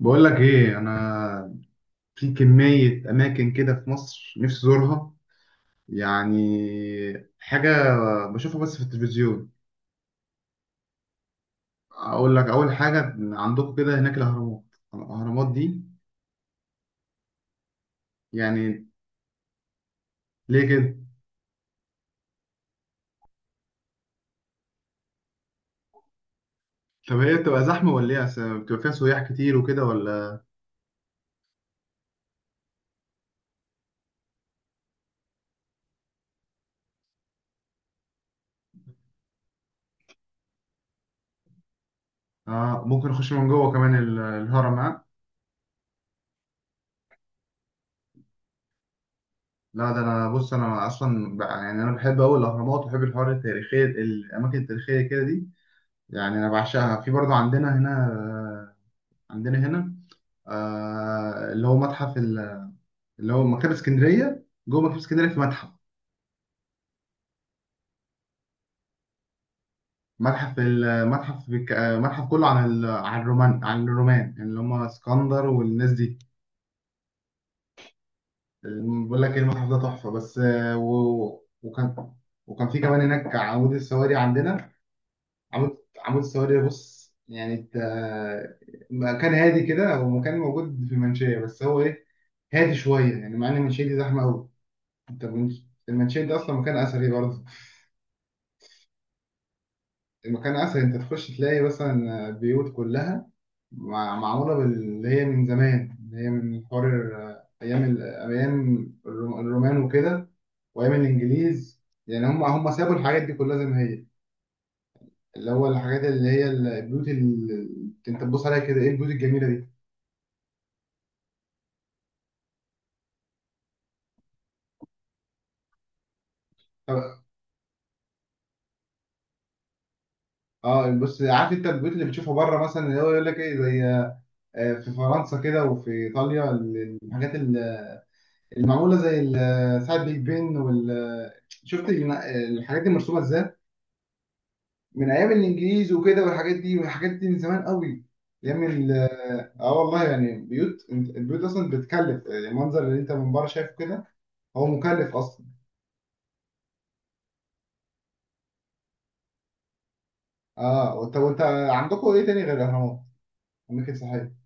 بقول لك ايه، انا في كمية اماكن كده في مصر نفسي ازورها، يعني حاجة بشوفها بس في التلفزيون. اقول لك، اول حاجة عندكم كده هناك الاهرامات دي، يعني ليه كده؟ طب هي بتبقى زحمة ولا ايه؟ أصل بتبقى فيها سياح كتير وكده ولا؟ آه، ممكن اخش من جوه كمان الهرم ها؟ لا، ده انا بص، يعني انا بحب قوي الاهرامات، وبحب الحوار التاريخية، الاماكن التاريخية كده دي. يعني انا بعشقها. في برضه عندنا هنا، عندنا هنا، اللي هو متحف اللي هو مكتبة اسكندرية. جوه مكتبة اسكندرية في متحف. متحف المتحف بك... آه، متحف كله عن عن الرومان، يعني اللي هم اسكندر والناس دي. بقول لك ايه، المتحف ده تحفة. بس وكان في كمان هناك عمود السواري عندنا. عمود عمود السواري ده، بص يعني ت... آه، مكان هادي كده، ومكان موجود في المنشية. بس هو ايه، هادي شوية، يعني مع ان المنشية دي زحمة قوي. انت المنشية دي اصلا مكان اثري برضه. المكان اسهل، انت تخش تلاقي مثلا بيوت كلها معموله باللي هي من زمان، اللي هي من حوار ايام الرومان وكده، وايام الانجليز. يعني هم سابوا الحاجات دي كلها زي ما هي. اللي هو الحاجات، اللي هي البيوت اللي انت تبص عليها كده، ايه البيوت الجميله دي! طب- اه بص، عارف انت البيوت اللي بتشوفها بره، مثلا اللي هو يقول لك ايه، زي في فرنسا كده وفي ايطاليا. الحاجات المعموله زي ساعه بيج بن، وال- شفت الن- الحاجات دي مرسومه ازاي، من ايام الانجليز وكده، والحاجات دي، والحاجات دي من زمان قوي. ايام ال- اه والله، يعني بيوت، البيوت اصلا بتكلف، يعني المنظر اللي انت من بره شايفه كده، هو مكلف اصلا. اه، وانت عندكم ايه تاني غير الاهرامات؟ اماكن سياحيه؟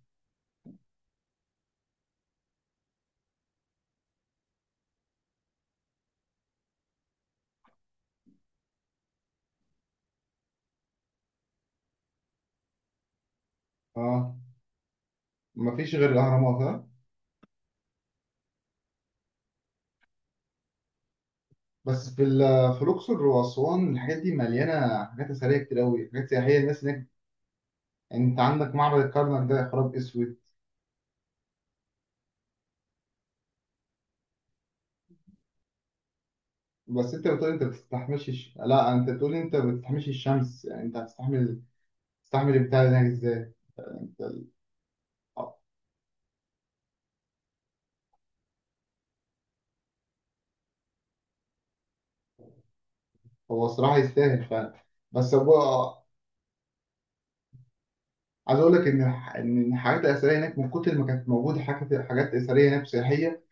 اه، مفيش غير الاهرامات ها؟ بس في في الاقصر واسوان، الحاجات دي مليانه حاجات اثريه كتير قوي، حاجات سياحيه، الناس هناك. يعني انت عندك معبد الكرنك، ده يا خراب اسود! بس انت بتقول انت بتستحملش الش... لا انت بتقول انت بتستحملش الشمس، يعني انت هتستحمل، تستحمل البتاع ده هناك ازاي؟ ده ال-، هو الصراحه يستاهل فعلا. بس هو، عايز اقول لك ان الحاجات الاثريه هناك، من كتر ما كانت موجوده حاجات، حاجات اثريه هناك سياحيه،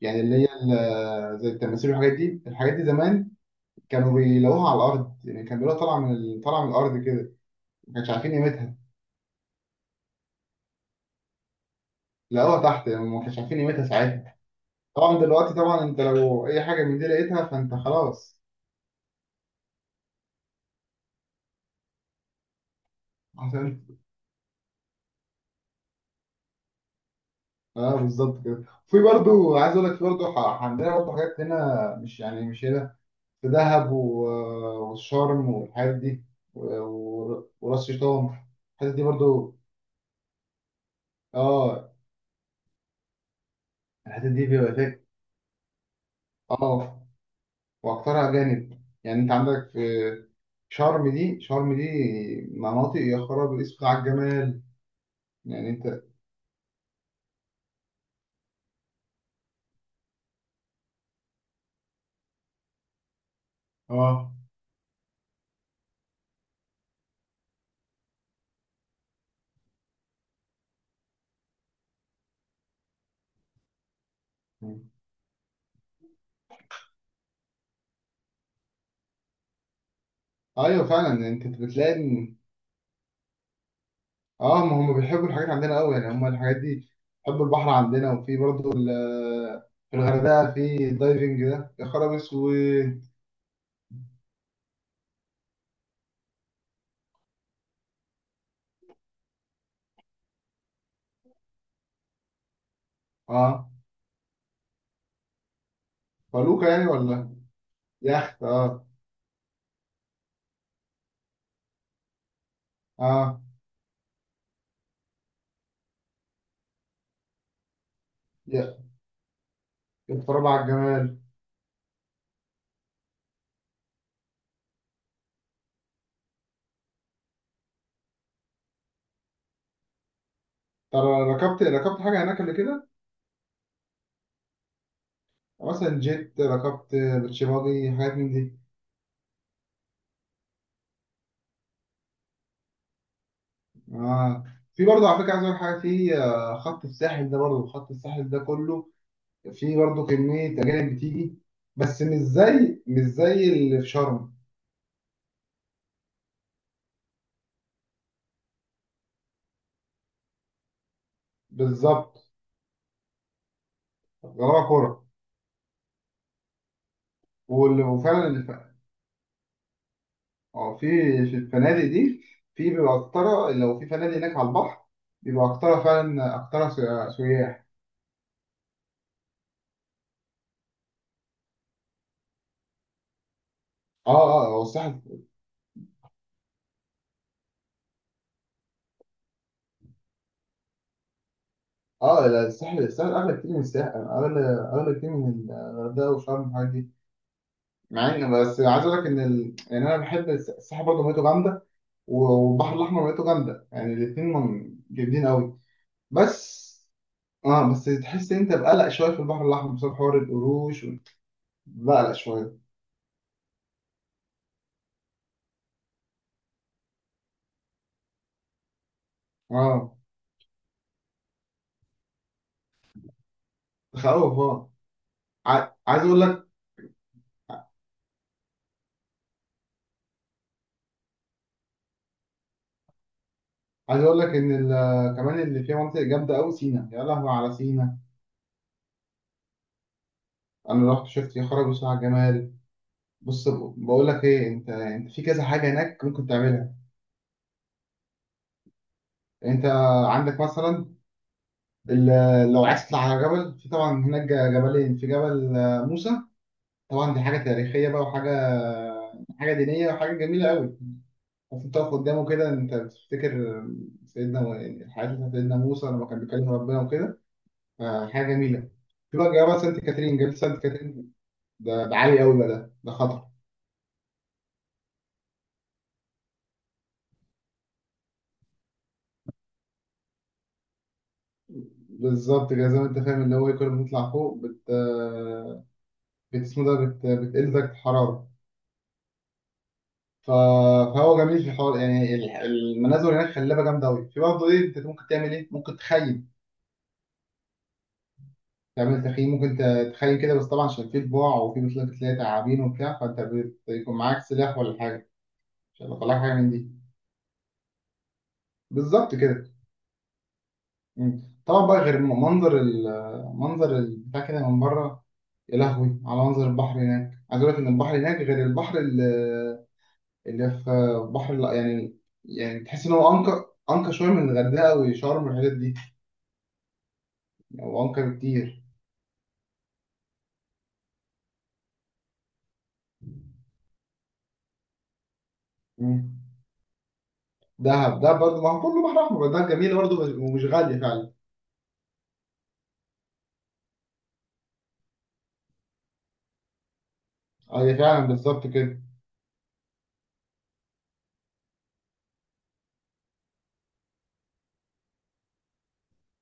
يعني اللي هي زي التماثيل والحاجات دي. الحاجات دي زمان كانوا بيلاقوها على الارض، يعني كانوا بيلاقوها طالعه طالعه من الارض كده، ما كانش عارفين قيمتها. لقوها تحت، يعني ما كانش عارفين قيمتها ساعتها. طبعا دلوقتي طبعا، انت لو اي حاجه من دي لقيتها، فانت خلاص. اه بالظبط كده. في برضو، عايز اقول لك، في برضو عندنا برضو حاجات هنا، مش يعني مش هنا، في دهب والشرم والحاجات دي، وراس شيطان. الحتت دي برضو، اه. الحتت دي بيبقى فيها، اه، واكترها اجانب. يعني انت عندك في شرم، دي شرم دي مناطق يا خراب اسود على الجمال. يعني انت، اه ايوه فعلا، انت بتلاقي. اه، ما هم بيحبوا الحاجات عندنا قوي، يعني هم الحاجات دي، بيحبوا البحر عندنا، وفي برضو في الغردقه في الدايفنج ده يا خراب اسود! اه، فلوكة يعني، ولا يخت؟ اه، اه، يا- يتفرجوا على الجمال. ترى ركبت حاجه هناك قبل كده؟ مثلا جيت ركبت بيتش باجي حاجات من دي؟ اه، في برضه على فكره، عايز اقول حاجه. في خط الساحل ده، برضه خط الساحل ده كله، في برضه كميه اجانب بتيجي، بس مش زي اللي في شرم. بالظبط. غرابة كورة، وفعلا اه، في الفنادق دي، في بيبقى أكتر لو في فنادق هناك على البحر، بيبقى أكتر فعلا، أكتر سياح. اه اه، هو الساحل، اه. لا، الساحل أغلى كتير، من الساحل أغلى، أغلى كتير من الغردقة وشرم والحاجات دي. مع إن، بس عايز أقول لك إن يعني أنا بحب الساحل برضه ميته جامدة، والبحر الأحمر ميته جامدة، يعني الاتنين جامدين أوي. بس، اه بس تحس إن أنت بقلق شوية في البحر الأحمر بسبب حوار القروش. بقلق شوية. اه. تخوف اه. عايز اقول لك، ان كمان اللي فيها مناطق جامده قوي سينا، يا لهوي على سينا! انا رحت شفت، يا خرابي بصراحه الجمال. بص، بقول لك ايه، انت في كذا حاجه هناك ممكن تعملها. انت عندك مثلا لو عايز تطلع على جبل، في طبعا هناك جبلين، في جبل موسى. طبعا دي حاجه تاريخيه بقى، وحاجه، حاجه دينيه، وحاجه جميله قوي. بس انت تقف قدامه كده، انت بتفتكر سيدنا، الحياه بتاعت سيدنا موسى لما كان بيكلم ربنا وكده. حاجه جميله. في بقى جبل سانت كاترين، جبل سانت كاترين ده، ده عالي قوي بقى، ده خطر. بالظبط كده، زي ما انت فاهم، اللي هو إيه، كل ما تطلع فوق بت اسمه ده، بتقل درجه الحراره. ف- فهو جميل في الحوار، يعني المناظر هناك خلابه جامده قوي. في برضه ايه، انت ممكن تعمل ايه، ممكن تخيم، تعمل تخييم، ممكن تخيم كده. بس طبعا عشان في طباع، وفي مثلا بتلاقي تعابين وبتاع، فانت بيكون معاك سلاح ولا حاجه، عشان لو طلع حاجه من دي. بالظبط كده. طبعا بقى غير منظر ال-، منظر البتاع كده من بره، يا لهوي على منظر البحر هناك! عايز اقول لك ان البحر هناك غير البحر اللي، اللي في، بحر لا يعني، يعني تحس ان هو انقى، انقى شويه من الغردقه وشرم والحاجات دي، يعني هو انقى بكتير. مم. دهب ده برضه، ما هو كله بحر احمر، ده جميل برضه، ومش غاليه فعلا. هي فعلا بالظبط كده.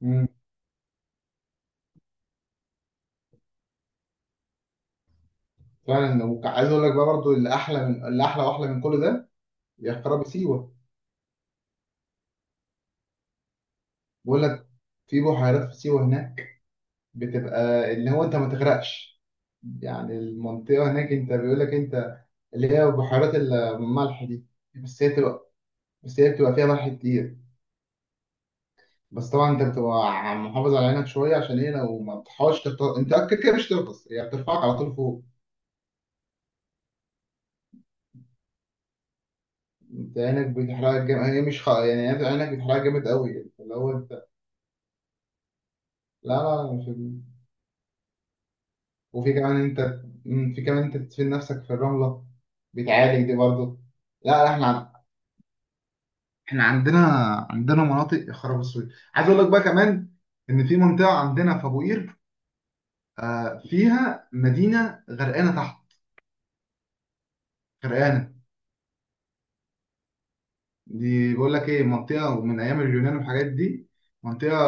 مم. فعلا. وعايز اقول لك بقى برضه، اللي احلى من اللي احلى، واحلى من كل ده، يا خراب سيوه! بقول لك، في بحيرات في سيوه هناك، بتبقى اللي هو انت ما تغرقش، يعني المنطقة هناك انت بيقول لك انت، اللي هي بحيرات الملح دي. بس هي بتبقى بس هي بتبقى فيها ملح كتير. بس طبعا انت بتبقى محافظ على عينك شوية، عشان ايه، لو ما تصحاش تغطس، انت كده كده مش تغطس، هي بترفعك على طول فوق. انت عينك بتحرقك جامد، هي مش خ...، يعني انت عينك بتحرقك جامد قوي، يعني اللي هو انت. لا لا، مش... وفي كمان انت، في كمان انت تدفن نفسك في الرملة، بتعالج دي برضه. لا لا، احنا، احنا عندنا مناطق يا خراب السويد! عايز اقول لك بقى كمان، ان في منطقه عندنا في ابو قير، فيها مدينه غرقانه تحت. غرقانه، دي بيقول لك ايه، منطقه من ايام اليونان والحاجات دي. منطقه،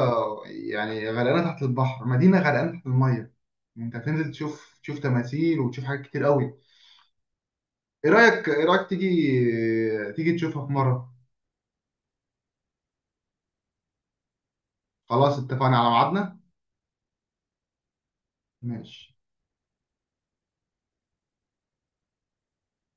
يعني غرقانه تحت البحر، مدينه غرقانه تحت الميه. انت هتنزل تشوف تماثيل، وتشوف حاجات كتير قوي. ايه رايك، تيجي، تشوفها في مره؟ خلاص، اتفقنا على ميعادنا. ماشي.